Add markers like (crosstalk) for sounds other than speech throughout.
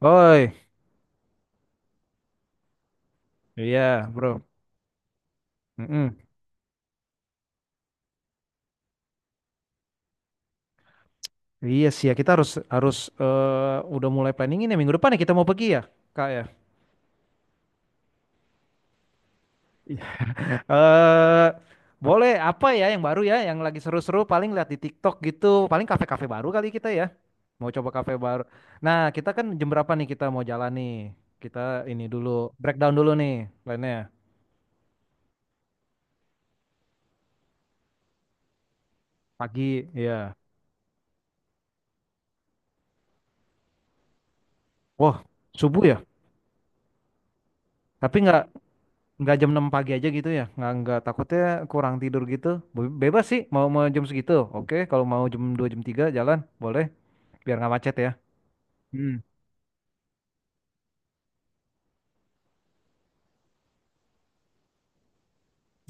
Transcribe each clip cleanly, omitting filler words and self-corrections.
Oi, iya bro. Mm-mm. Iya sih ya, kita harus harus udah mulai planningin ya minggu depan ya kita mau pergi ya, Kak ya. Iya. Eh, Boleh apa ya yang baru ya, yang lagi seru-seru paling lihat di TikTok gitu, paling kafe-kafe baru kali kita ya. Mau coba kafe baru. Nah, kita kan jam berapa nih kita mau jalan nih? Kita ini dulu breakdown dulu nih plannya. Pagi, ya. Wah, subuh ya? Tapi nggak jam 6 pagi aja gitu ya nggak takutnya kurang tidur gitu. Bebas sih mau mau jam segitu, oke kalau mau jam 2 jam 3 jalan boleh biar nggak macet ya. Hmm.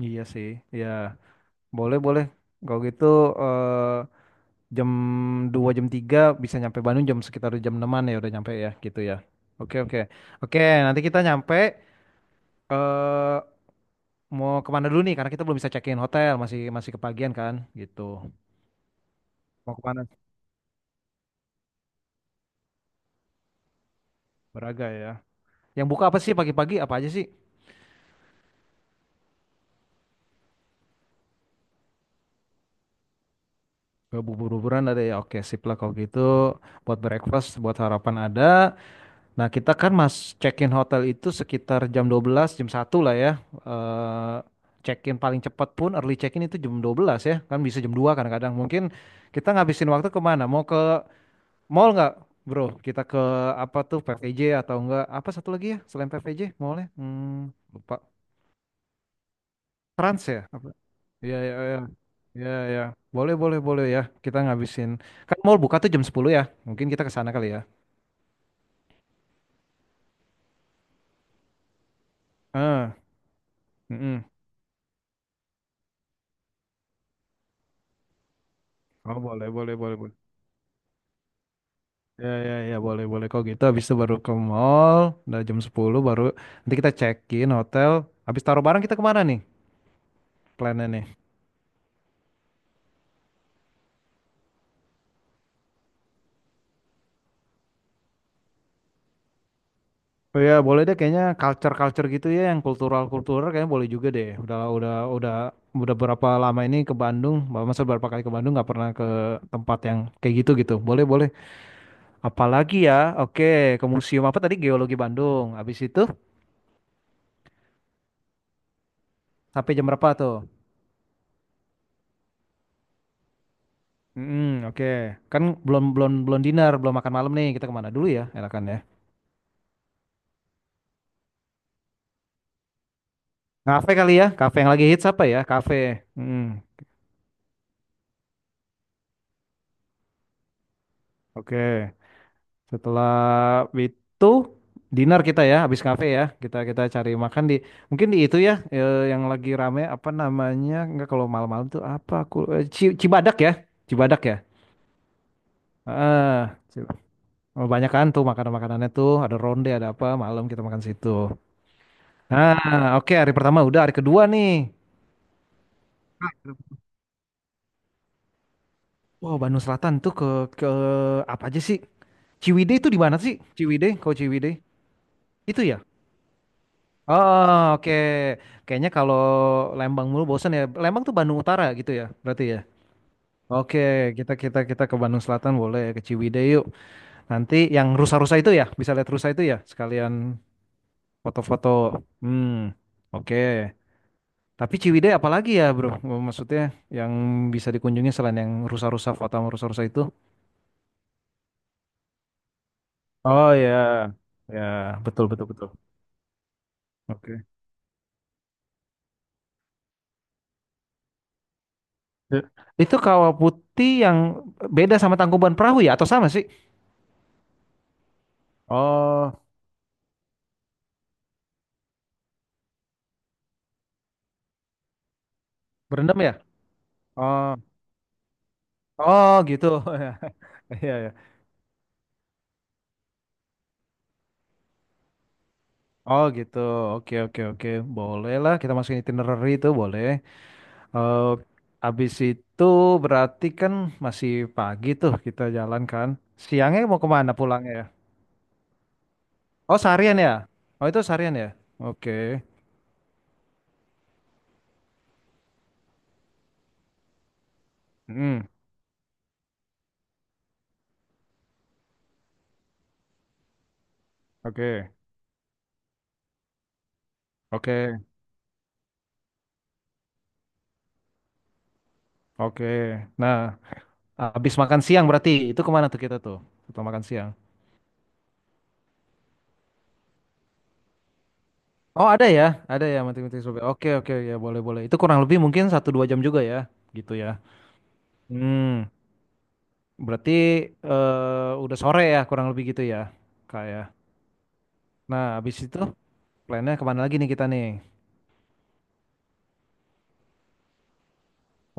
Iya sih ya, boleh boleh kalau gitu. eh, jam 2 jam 3 bisa nyampe Bandung jam sekitar jam 6-an ya udah nyampe ya gitu ya. Oke, oke, oke. Nanti kita nyampe eh mau kemana dulu nih karena kita belum bisa check-in hotel, masih masih kepagian kan gitu. Mau kemana? Beraga ya, yang buka apa sih pagi-pagi, apa aja sih? Bubur-buburan ada ya, oke sip lah kalau gitu. Buat breakfast, buat harapan ada. Nah kita kan mas check-in hotel itu sekitar jam 12, jam 1 lah ya. Eh Check-in paling cepat pun early check-in itu jam 12 ya. Kan bisa jam 2 kadang-kadang. Mungkin kita ngabisin waktu kemana? Mau ke mall nggak bro? Kita ke apa tuh PVJ atau enggak? Apa satu lagi ya selain PVJ mallnya? Hmm, lupa. Trans ya? Apa? Iya, iya, iya. Iya, iya. Boleh, boleh, boleh ya. Kita ngabisin. Kan mall buka tuh jam 10 ya. Mungkin kita ke sana kali ya. Ah, mm-mm. Oh, boleh, boleh, boleh, boleh. Ya, ya, ya, boleh, boleh. Kok gitu, habis itu baru ke mall, udah jam 10 baru nanti kita check-in hotel. Habis taruh barang kita kemana nih plannya nih? Oh ya, boleh deh, kayaknya culture-culture gitu ya, yang kultural-kultural kayaknya boleh juga deh. Udah berapa lama ini ke Bandung, masa berapa kali ke Bandung nggak pernah ke tempat yang kayak gitu gitu. Boleh, boleh. Apalagi ya, oke, ke museum apa tadi? Geologi Bandung. Habis itu sampai jam berapa tuh? Hmm, oke. Kan belum belum belum dinner, belum makan malam nih. Kita kemana dulu ya? Enakan ya. Kafe kali ya, kafe yang lagi hits apa ya? Kafe. Hmm, oke. Setelah itu dinner kita ya, habis kafe ya. Kita kita cari makan di mungkin di itu ya, yang lagi rame apa namanya? Enggak kalau malam-malam tuh apa aku Cibadak ya? Cibadak ya? Ah. Oh, banyak kan tuh makanan-makanannya tuh, ada ronde, ada apa, malam kita makan situ. Nah, oke, hari pertama udah, hari kedua nih. Wow, Bandung Selatan tuh ke apa aja sih? Ciwidey itu di mana sih? Ciwidey, kau Ciwidey. Itu ya? Oh, oke. Kayaknya kalau Lembang mulu bosan ya. Lembang tuh Bandung Utara gitu ya, berarti ya. Oke, kita kita kita ke Bandung Selatan, boleh ke Ciwidey yuk. Nanti yang rusa-rusa itu ya, bisa lihat rusa itu ya, sekalian foto-foto. Hmm, oke. Tapi Ciwidey apalagi ya bro? Maksudnya yang bisa dikunjungi selain yang rusa-rusa, foto sama rusa-rusa itu? Oh ya, ya betul betul betul. Oke. Eh, Itu kawah putih yang beda sama Tangkuban Perahu ya? Atau sama sih? Oh, berendam ya? oh, oh gitu. (laughs) Iya ya. Oh gitu. Oke, oke, oke. Boleh lah kita masukin itinerary itu, boleh. Eh Habis itu berarti kan masih pagi tuh kita jalan kan. Siangnya mau kemana pulangnya, ya? Oh, seharian ya? Oh, itu seharian ya? Oke. Mm, oke. Oke. Oke. Nah, habis makan siang berarti itu kemana tuh kita tuh? Setelah makan siang. Oh, ada ya? Ada ya, mati-mati sobek. Oke, oke, ya boleh-boleh. Itu kurang lebih mungkin satu dua jam juga ya, gitu ya. Hmm, berarti udah sore ya, kurang lebih gitu ya, kayak. Nah, habis itu plannya kemana lagi nih kita nih?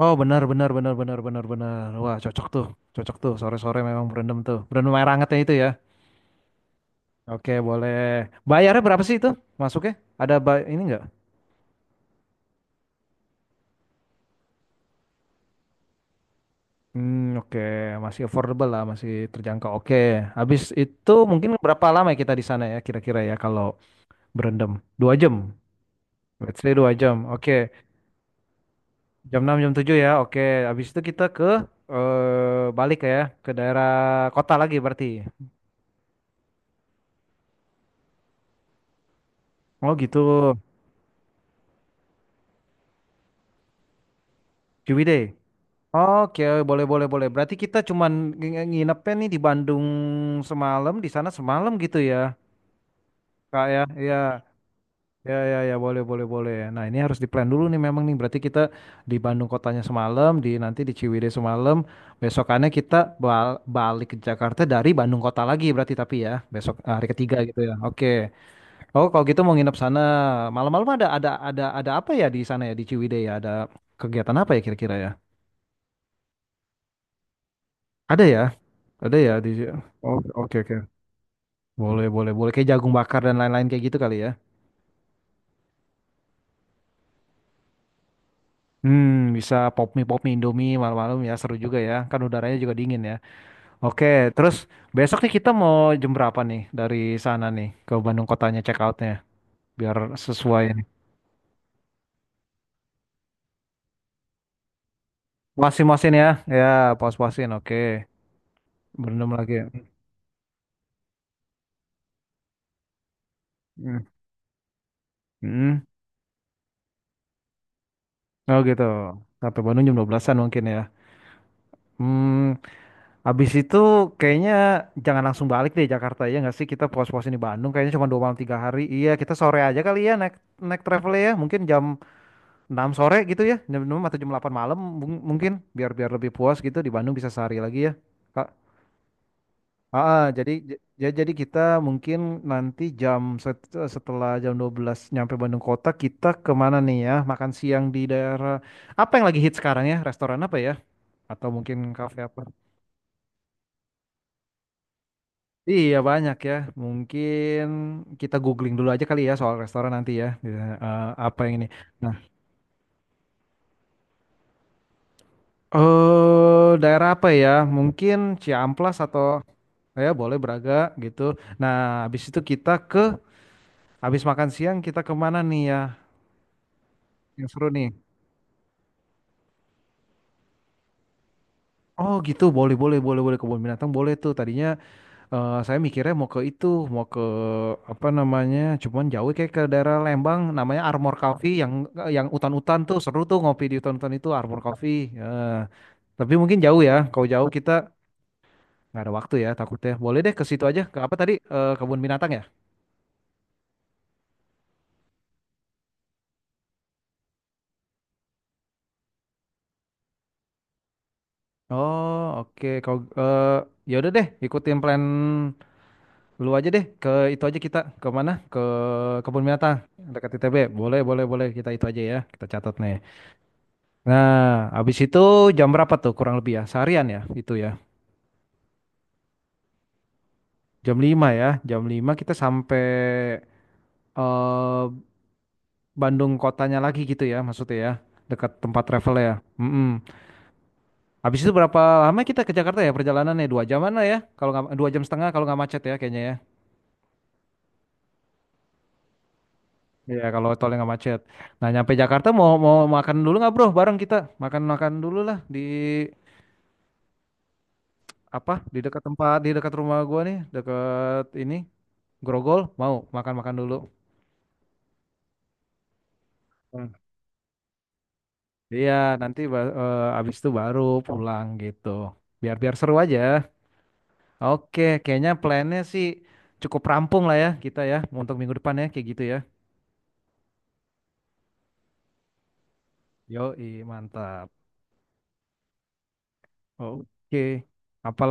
Oh, benar, benar, benar, benar, benar, benar. Wah, cocok tuh, cocok tuh. Sore-sore memang berendam tuh. Berendam air hangatnya itu ya. Oke, boleh. Bayarnya berapa sih itu masuknya? Ada ini nggak? Hmm, oke, masih affordable lah, masih terjangkau. Oke, habis itu mungkin berapa lama ya kita di sana ya kira-kira ya kalau berendam? 2 jam, let's say 2 jam. Oke, Jam 6, jam 7 ya. Oke, habis itu kita ke balik ya ke daerah kota lagi berarti. Oh gitu, Ciwidey. Oke, boleh boleh boleh. Berarti kita cuman nginepnya nih di Bandung semalam, di sana semalam gitu ya. Kak ya, iya, ya, ya, ya, boleh, boleh, boleh. Nah, ini harus diplan dulu nih memang nih. Berarti kita di Bandung kotanya semalam, di nanti di Ciwidey semalam. Besokannya kita balik ke Jakarta dari Bandung kota lagi berarti, tapi ya besok hari ketiga gitu ya. Oke. Oh, kalau gitu mau nginep sana, malam-malam ada apa ya di sana ya di Ciwidey ya? Ada kegiatan apa ya kira-kira ya? Ada ya, ada ya di. Oke, oke, oke. Boleh, boleh, boleh. Kayak jagung bakar dan lain-lain kayak gitu kali ya. Hmm, bisa pop mie Indomie malam-malam ya, seru juga ya. Kan udaranya juga dingin ya. Oke, terus besok nih kita mau jam berapa nih dari sana nih ke Bandung kotanya check outnya biar sesuai nih. Puasin-puasin ya, ya puas-puasin. Oke, berendam lagi. Hmm. Hmm. Oh gitu. Sampai Bandung jam 12-an mungkin ya. Hmm, habis itu kayaknya jangan langsung balik deh Jakarta ya nggak sih, kita puas-puasin di Bandung, kayaknya cuma 2 malam 3 hari. Iya, kita sore aja kali ya, naik naik travel ya mungkin jam 6 sore gitu ya, jam 6 atau jam 8 malam mungkin biar biar lebih puas gitu di Bandung, bisa sehari lagi ya. Kak. Ah, jadi ya jadi kita mungkin nanti jam setelah jam 12 nyampe Bandung kota, kita kemana nih ya? Makan siang di daerah apa yang lagi hit sekarang ya? Restoran apa ya? Atau mungkin kafe apa? Iya banyak ya. Mungkin kita googling dulu aja kali ya soal restoran nanti ya. Apa yang ini? Nah, daerah apa ya? Mungkin Ciamplas atau. Ya boleh Braga gitu. Nah, habis itu kita ke habis makan siang kita kemana nih ya? Yang seru nih. Oh gitu, boleh boleh boleh boleh, kebun binatang boleh tuh. Tadinya saya mikirnya mau ke itu, mau ke apa namanya? Cuman jauh kayak ke daerah Lembang, namanya Armor Coffee yang hutan-hutan tuh, seru tuh ngopi di hutan-hutan itu, Armor Coffee. Eh, tapi mungkin jauh ya. Kalau jauh kita nggak ada waktu ya takutnya. Boleh deh ke situ aja. Ke apa tadi? Kebun binatang ya? Oh oke, kalau ya udah deh ikutin plan lu aja deh, ke itu aja, kita ke mana? Ke kebun binatang dekat ITB. Boleh, boleh, boleh, kita itu aja ya. Kita catat nih. Nah, habis itu jam berapa tuh kurang lebih ya? Seharian ya itu ya. Jam 5 ya. Jam 5 kita sampai eh Bandung kotanya lagi gitu ya maksudnya ya. Dekat tempat travel ya. Mm-mm. Habis itu berapa lama kita ke Jakarta ya perjalanannya? 2 jaman lah ya. Kalau nggak 2 jam setengah kalau nggak macet ya kayaknya ya. Iya, kalau tolnya nggak macet. Nah, nyampe Jakarta mau mau makan dulu nggak bro? Bareng kita makan-makan dulu lah di apa? Di dekat tempat, di dekat rumah gua nih, dekat ini Grogol. Mau makan-makan dulu. Hmm. Iya, nanti abis itu baru pulang gitu. Biar-biar seru aja. Oke, kayaknya plannya sih cukup rampung lah ya kita ya untuk minggu depan ya kayak gitu ya. Yoi, mantap. Oke. Apa